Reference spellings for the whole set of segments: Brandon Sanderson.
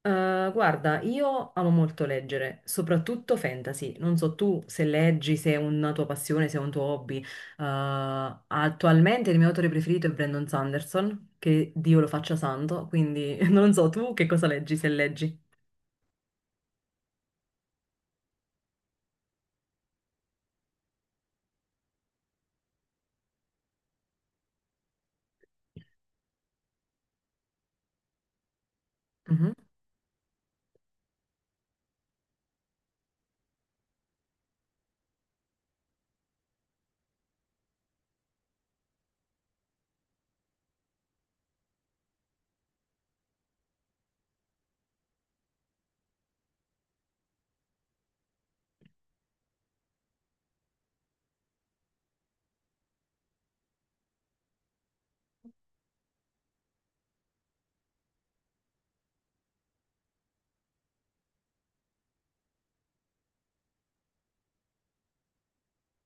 Guarda, io amo molto leggere, soprattutto fantasy. Non so tu se leggi, se è una tua passione, se è un tuo hobby. Attualmente il mio autore preferito è Brandon Sanderson, che Dio lo faccia santo, quindi non so tu che cosa leggi, se leggi. Mhm.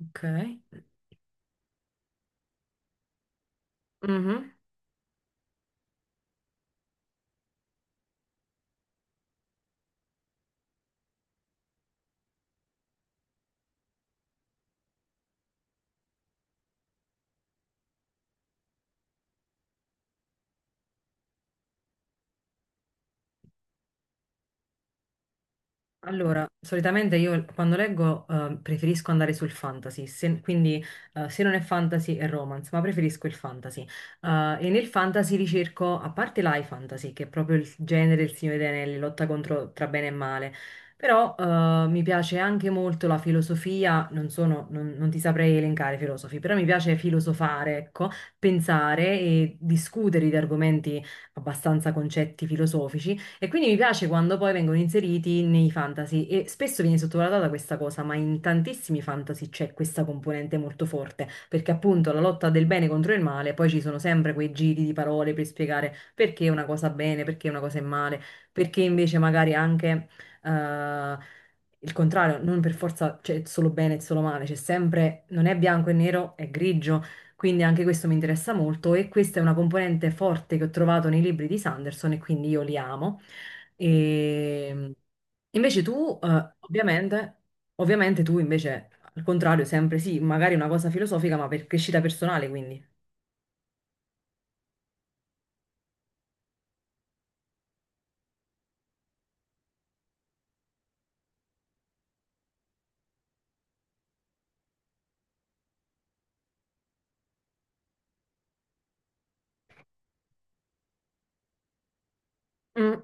Ok. Mhm. Allora, solitamente io quando leggo preferisco andare sul fantasy, quindi se non è fantasy è romance, ma preferisco il fantasy. E nel fantasy ricerco, a parte l'high fantasy, che è proprio il genere del Signore degli Anelli, lotta contro tra bene e male, però mi piace anche molto la filosofia, non sono, non ti saprei elencare i filosofi, però mi piace filosofare, ecco, pensare e discutere di argomenti abbastanza concetti filosofici. E quindi mi piace quando poi vengono inseriti nei fantasy e spesso viene sottovalutata questa cosa, ma in tantissimi fantasy c'è questa componente molto forte, perché appunto la lotta del bene contro il male, poi ci sono sempre quei giri di parole per spiegare perché una cosa è bene, perché una cosa è male, perché invece magari anche eh, il contrario, non per forza c'è solo bene e solo male, c'è sempre, non è bianco e nero, è grigio. Quindi anche questo mi interessa molto e questa è una componente forte che ho trovato nei libri di Sanderson e quindi io li amo. E invece tu, ovviamente, ovviamente tu invece, al contrario, sempre sì, magari una cosa filosofica, ma per crescita personale, quindi. Mm.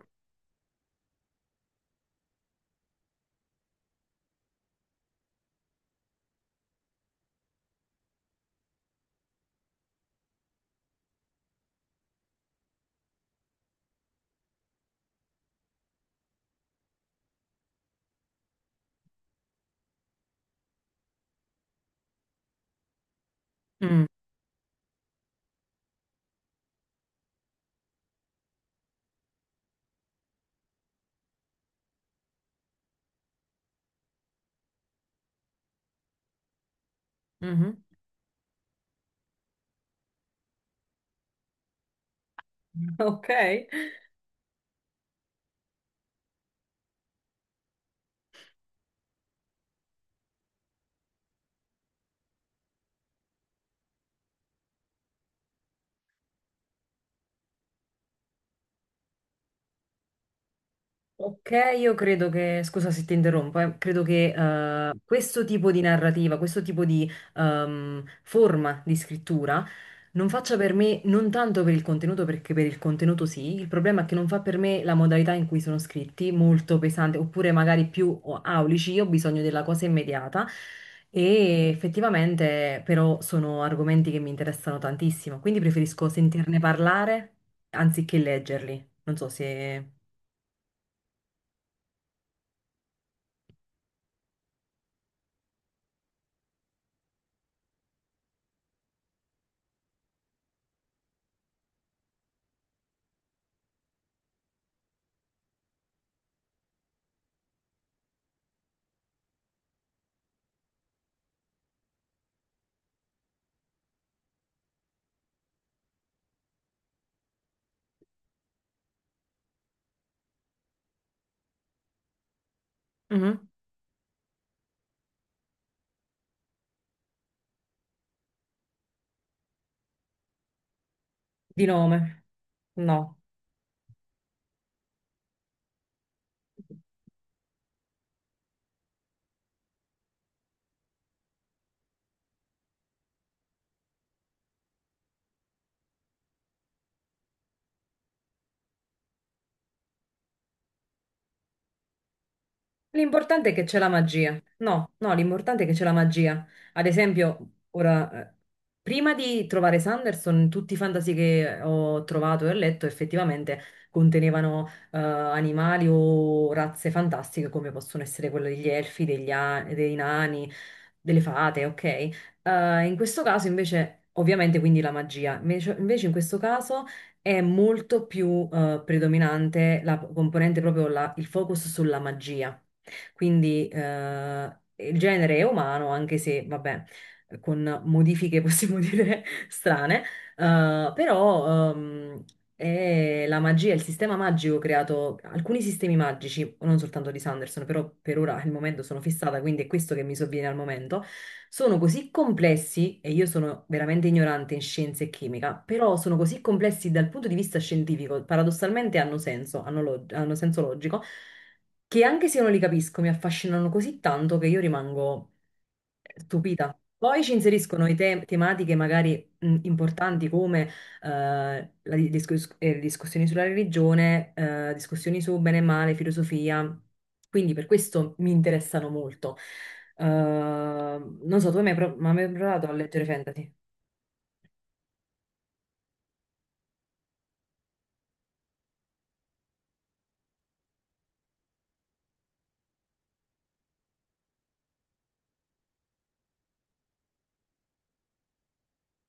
Mm, mhm. Ok. Ok, io credo che, scusa se ti interrompo, credo che questo tipo di narrativa, questo tipo di forma di scrittura non faccia per me, non tanto per il contenuto, perché per il contenuto sì, il problema è che non fa per me la modalità in cui sono scritti, molto pesante, oppure magari più aulici, io ho bisogno della cosa immediata e effettivamente però sono argomenti che mi interessano tantissimo, quindi preferisco sentirne parlare anziché leggerli, non so se... Mhm. Di nome? No. L'importante è che c'è la magia. No, no, l'importante è che c'è la magia. Ad esempio, ora, prima di trovare Sanderson, tutti i fantasy che ho trovato e ho letto effettivamente contenevano animali o razze fantastiche come possono essere quelle degli elfi, dei nani, delle fate, ok? In questo caso invece, ovviamente, quindi la magia. Invece, invece in questo caso è molto più predominante la componente proprio il focus sulla magia. Quindi il genere è umano, anche se, vabbè, con modifiche possiamo dire strane, però è la magia, il sistema magico creato, alcuni sistemi magici, non soltanto di Sanderson, però per ora al momento sono fissata, quindi è questo che mi sovviene al momento, sono così complessi, e io sono veramente ignorante in scienze e chimica, però sono così complessi dal punto di vista scientifico, paradossalmente hanno senso, hanno senso logico, che anche se io non li capisco mi affascinano così tanto che io rimango stupita. Poi ci inseriscono tematiche magari importanti come discussioni sulla religione, discussioni su bene e male, filosofia. Quindi per questo mi interessano molto. Non so, tu hai mai, pro- ma hai mai provato a leggere fantasy?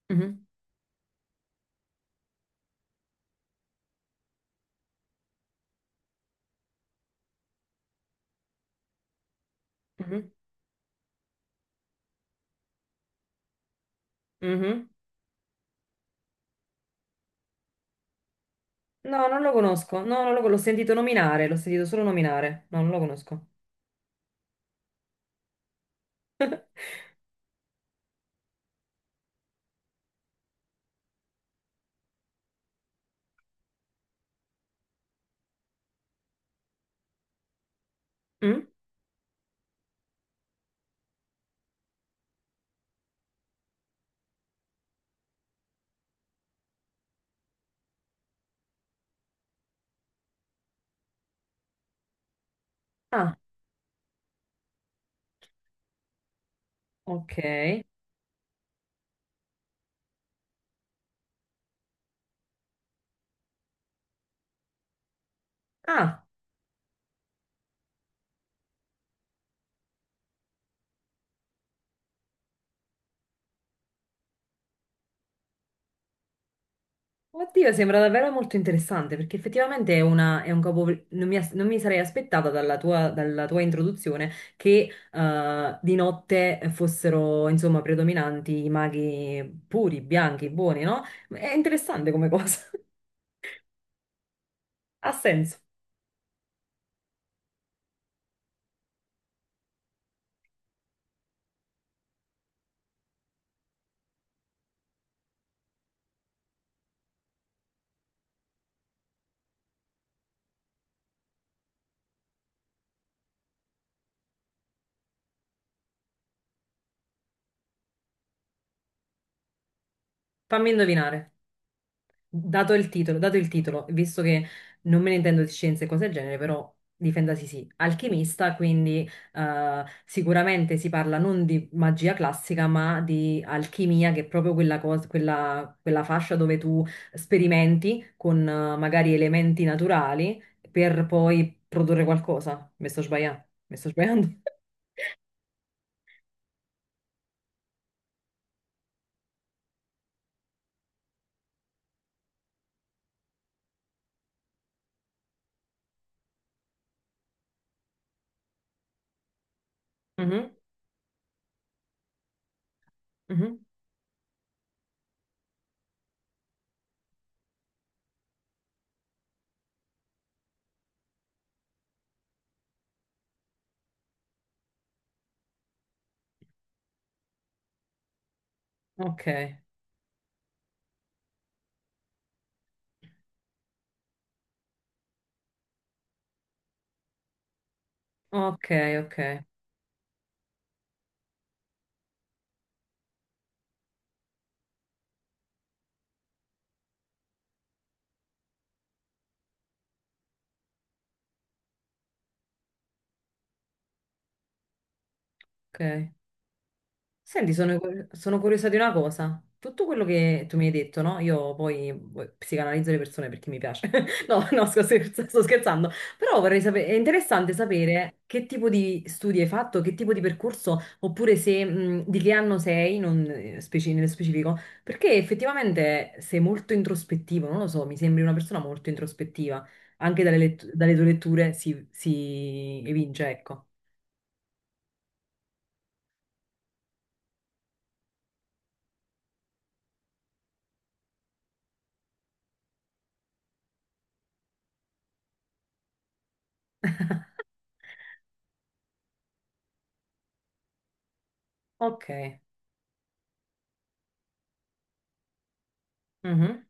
Mhm, mhm, mhm. No, non lo conosco. No, non lo con- l'ho sentito nominare, l'ho sentito solo nominare. No, non lo conosco. Mm? Ah, ok. Ah, Oddio, sembra davvero molto interessante perché effettivamente è un capo. Non mi sarei aspettata dalla tua, introduzione che di notte fossero insomma predominanti i maghi puri, bianchi, buoni, no? È interessante come cosa. Ha senso. Fammi indovinare. Dato il titolo, visto che non me ne intendo di scienze e cose del genere, però difendasi sì, alchimista, quindi sicuramente si parla non di magia classica, ma di alchimia, che è proprio quella fascia dove tu sperimenti con magari elementi naturali per poi produrre qualcosa. Mi sto sbagliando? Mi sto sbagliando? Mhm, mhm. Ok, ok, ok, ok. Senti, sono curiosa di una cosa. Tutto quello che tu mi hai detto, no? Io poi psicanalizzo le persone perché mi piace. No, no, sto scherzando. Però vorrei sapere, è interessante sapere che tipo di studi hai fatto, che tipo di percorso, oppure se, di che anno sei, non nello specifico, perché effettivamente sei molto introspettivo, non lo so, mi sembri una persona molto introspettiva. Anche dalle tue letture si evince, ecco. Ok. Mhm.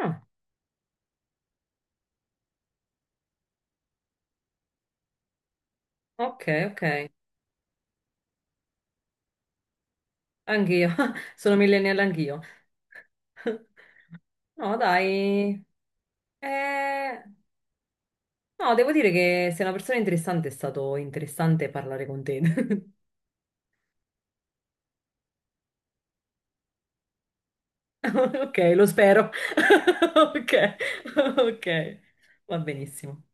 Ah, ok, ok. Anch'io, sono millennial anch'io. No, dai. Eh, No, devo dire che sei una persona interessante, è stato interessante parlare con te. Ok, lo spero. Ok, ok, va benissimo.